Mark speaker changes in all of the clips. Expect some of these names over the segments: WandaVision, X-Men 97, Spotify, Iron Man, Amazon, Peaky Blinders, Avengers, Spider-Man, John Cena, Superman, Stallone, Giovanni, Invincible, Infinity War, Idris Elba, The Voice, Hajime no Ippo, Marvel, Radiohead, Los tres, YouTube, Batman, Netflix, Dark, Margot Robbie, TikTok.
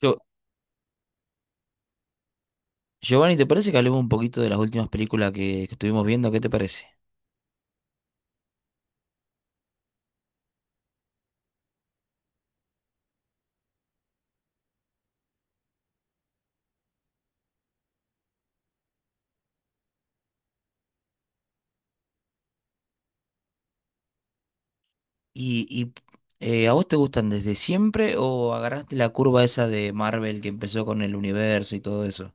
Speaker 1: Yo, Giovanni, ¿te parece que hablemos un poquito de las últimas películas que estuvimos viendo? ¿Qué te parece? ¿Y, y, a vos te gustan desde siempre o agarraste la curva esa de Marvel que empezó con el universo y todo eso?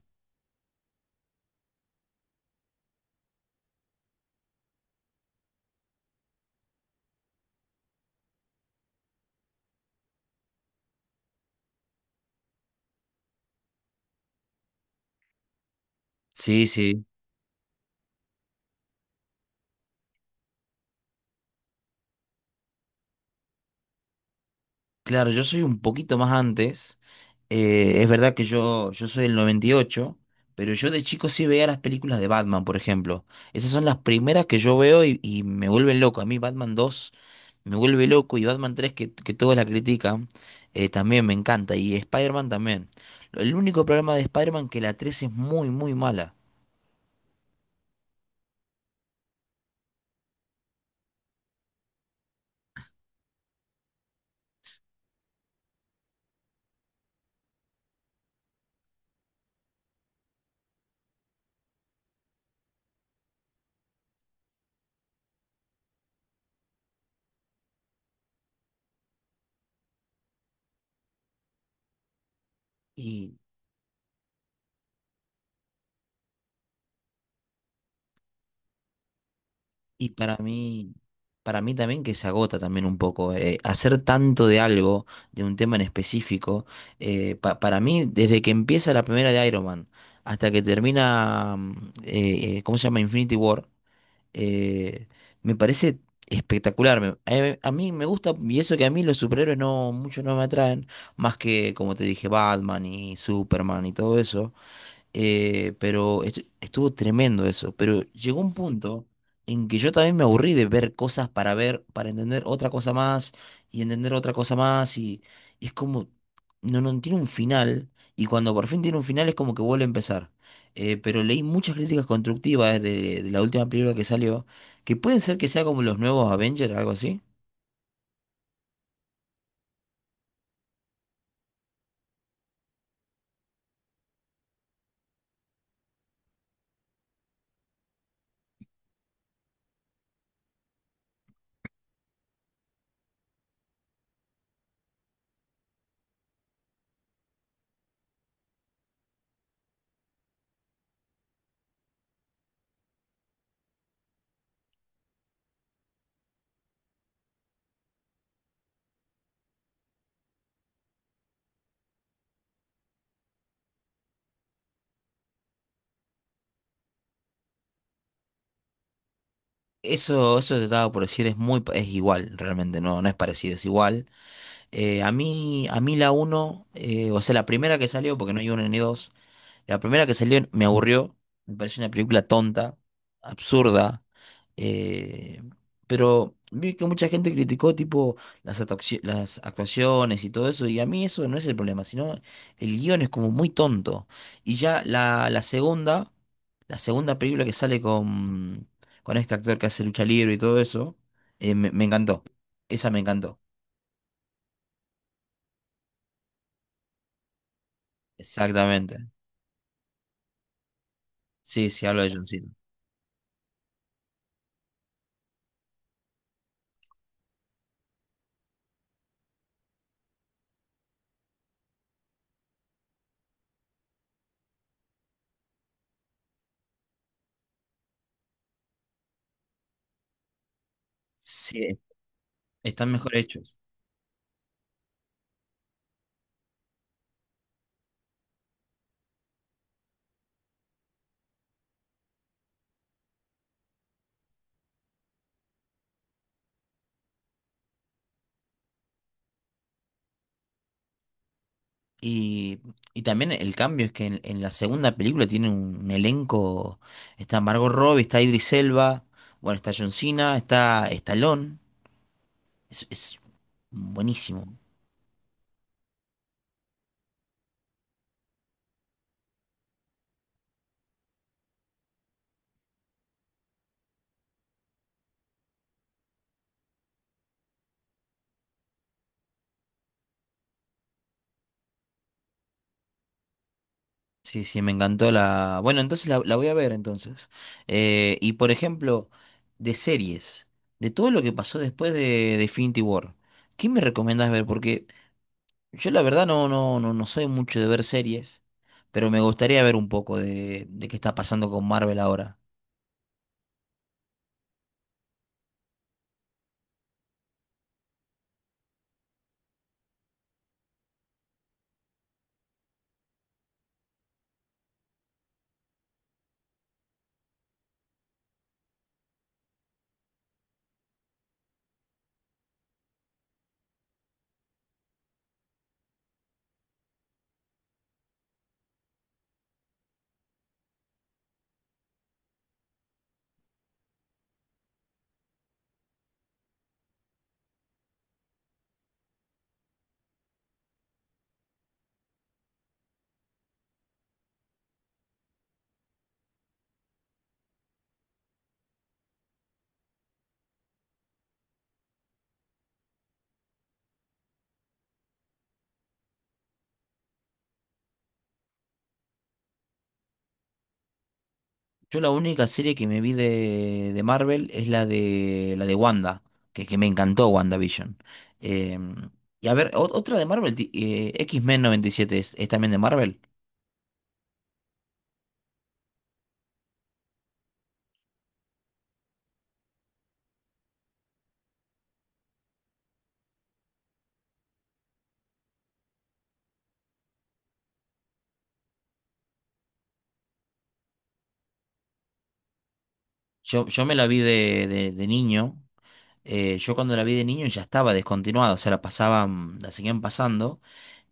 Speaker 1: Sí, sí. Claro, yo soy un poquito más antes. Es verdad que yo soy el 98, pero yo de chico sí veía las películas de Batman, por ejemplo. Esas son las primeras que yo veo y me vuelven loco. A mí Batman 2 me vuelve loco y Batman 3 que todos la critican, también me encanta, y Spider-Man también. El único problema de Spider-Man que la 3 es muy, muy mala y, y para mí, para mí también, que se agota también un poco. Hacer tanto de algo, de un tema en específico, para mí desde que empieza la primera de Iron Man hasta que termina, ¿cómo se llama? Infinity War. eh, Me parece espectacular. A mí me gusta, y eso que a mí los superhéroes no, mucho no me atraen, más que, como te dije, Batman y Superman y todo eso. Pero estuvo tremendo eso. Pero llegó un punto en que yo también me aburrí de ver cosas para ver, para entender otra cosa más y entender otra cosa más. Y es como, no, no tiene un final. Y cuando por fin tiene un final es como que vuelve a empezar. Pero leí muchas críticas constructivas de la última película que salió, que pueden ser que sea como los nuevos Avengers, algo así. Eso te estaba por decir, es muy, es igual, realmente, no, no es parecido, es igual. A mí la uno, o sea, la primera que salió, porque no hay una ni dos, la primera que salió me aburrió, me pareció una película tonta, absurda, eh, pero vi que mucha gente criticó tipo las, las actuaciones y todo eso, y a mí eso no es el problema, sino el guión es como muy tonto. Y ya la segunda, la segunda película que sale con este actor que hace lucha libre y todo eso, me encantó, esa me encantó, exactamente. Sí, sí, hablo de John Cena. Sí, están mejor hechos. Y, y también el cambio es que en la segunda película tiene un elenco. Está Margot Robbie, está Idris Elba, bueno, está John Cena, está Stallone. Es buenísimo. Sí, sí, me encantó la. Bueno, entonces la voy a ver entonces. Y por ejemplo, de series, de todo lo que pasó después de Infinity War, ¿qué me recomendás ver? Porque yo la verdad no, no, no, no soy mucho de ver series, pero me gustaría ver un poco de qué está pasando con Marvel ahora. Yo la única serie que me vi de Marvel es la de Wanda, que me encantó WandaVision. Em, y a ver, otra de Marvel, X-Men 97 es también de Marvel. Yo me la vi de, de niño. Yo cuando la vi de niño ya estaba descontinuada, o sea, la pasaban, la seguían pasando.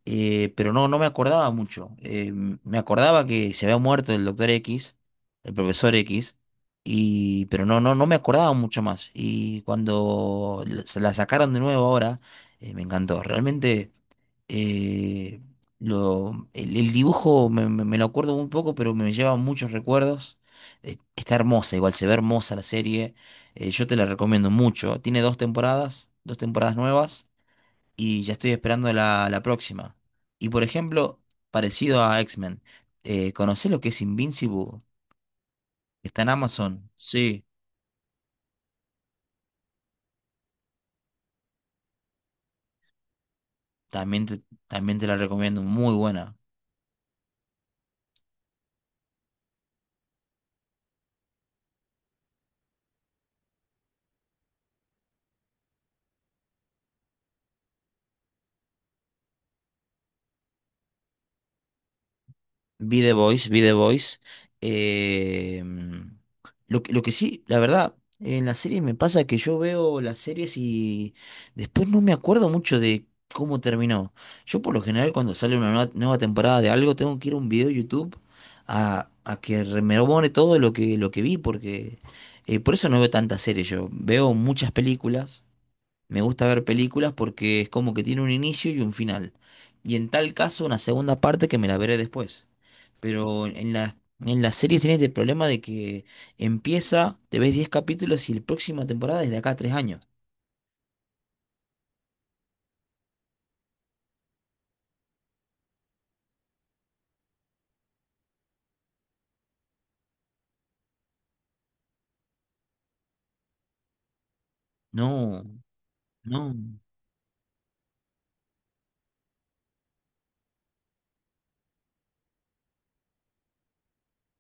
Speaker 1: Pero no, no me acordaba mucho. Me acordaba que se había muerto el doctor X, el profesor X, y, pero no, no, no me acordaba mucho más. Y cuando se la sacaron de nuevo ahora, me encantó. Realmente eh, el dibujo me, me lo acuerdo un poco, pero me lleva muchos recuerdos. Está hermosa, igual se ve hermosa la serie. Yo te la recomiendo mucho. Tiene dos temporadas nuevas y ya estoy esperando la próxima. Y por ejemplo, parecido a X-Men, ¿conocés lo que es Invincible? Está en Amazon. Sí, también te la recomiendo, muy buena. Vi The Voice, vi The Voice. Eh, mm, lo que sí, la verdad, en las series me pasa que yo veo las series y después no me acuerdo mucho de cómo terminó. Yo por lo general cuando sale una nueva temporada de algo tengo que ir a un video de YouTube a que me rememore todo lo que vi, porque por eso no veo tantas series yo. Veo muchas películas. Me gusta ver películas porque es como que tiene un inicio y un final. Y en tal caso, una segunda parte que me la veré después. Pero en las series tienes el problema de que empieza, te ves 10 capítulos y la próxima temporada es de acá a 3 años. No, no,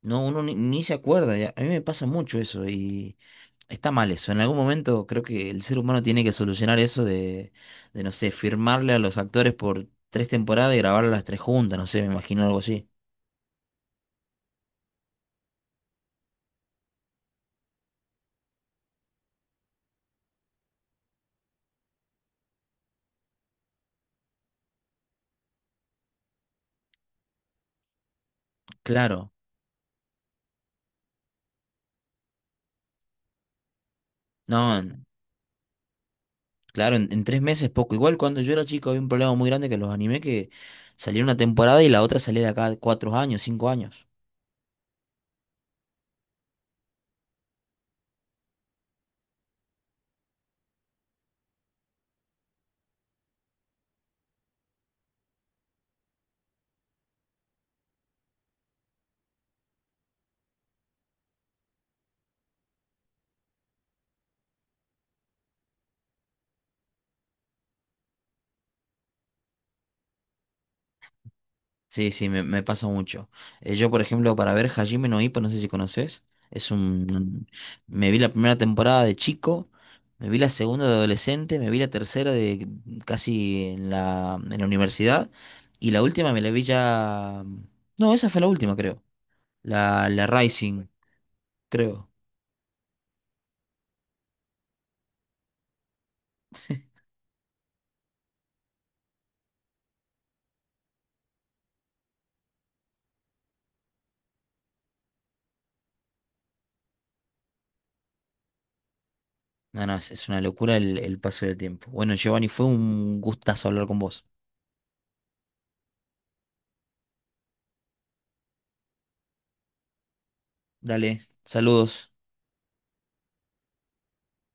Speaker 1: no, uno ni, ni se acuerda. A mí me pasa mucho eso y está mal eso. En algún momento creo que el ser humano tiene que solucionar eso de no sé, firmarle a los actores por 3 temporadas y grabarlas las tres juntas. No sé, me imagino algo así. Claro. No, en- Claro, en 3 meses poco. Igual cuando yo era chico había un problema muy grande que los animé que salía una temporada y la otra salía de acá 4 años, 5 años. Sí, sí, me pasa mucho. Yo, por ejemplo, para ver Hajime no Ippo, no sé si conoces, es un... Me vi la primera temporada de chico, me vi la segunda de adolescente, me vi la tercera de casi en la universidad y la última me la vi ya... No, esa fue la última, creo. La Rising, creo. No, no, es una locura el paso del tiempo. Bueno, Giovanni, fue un gustazo hablar con vos. Dale, saludos.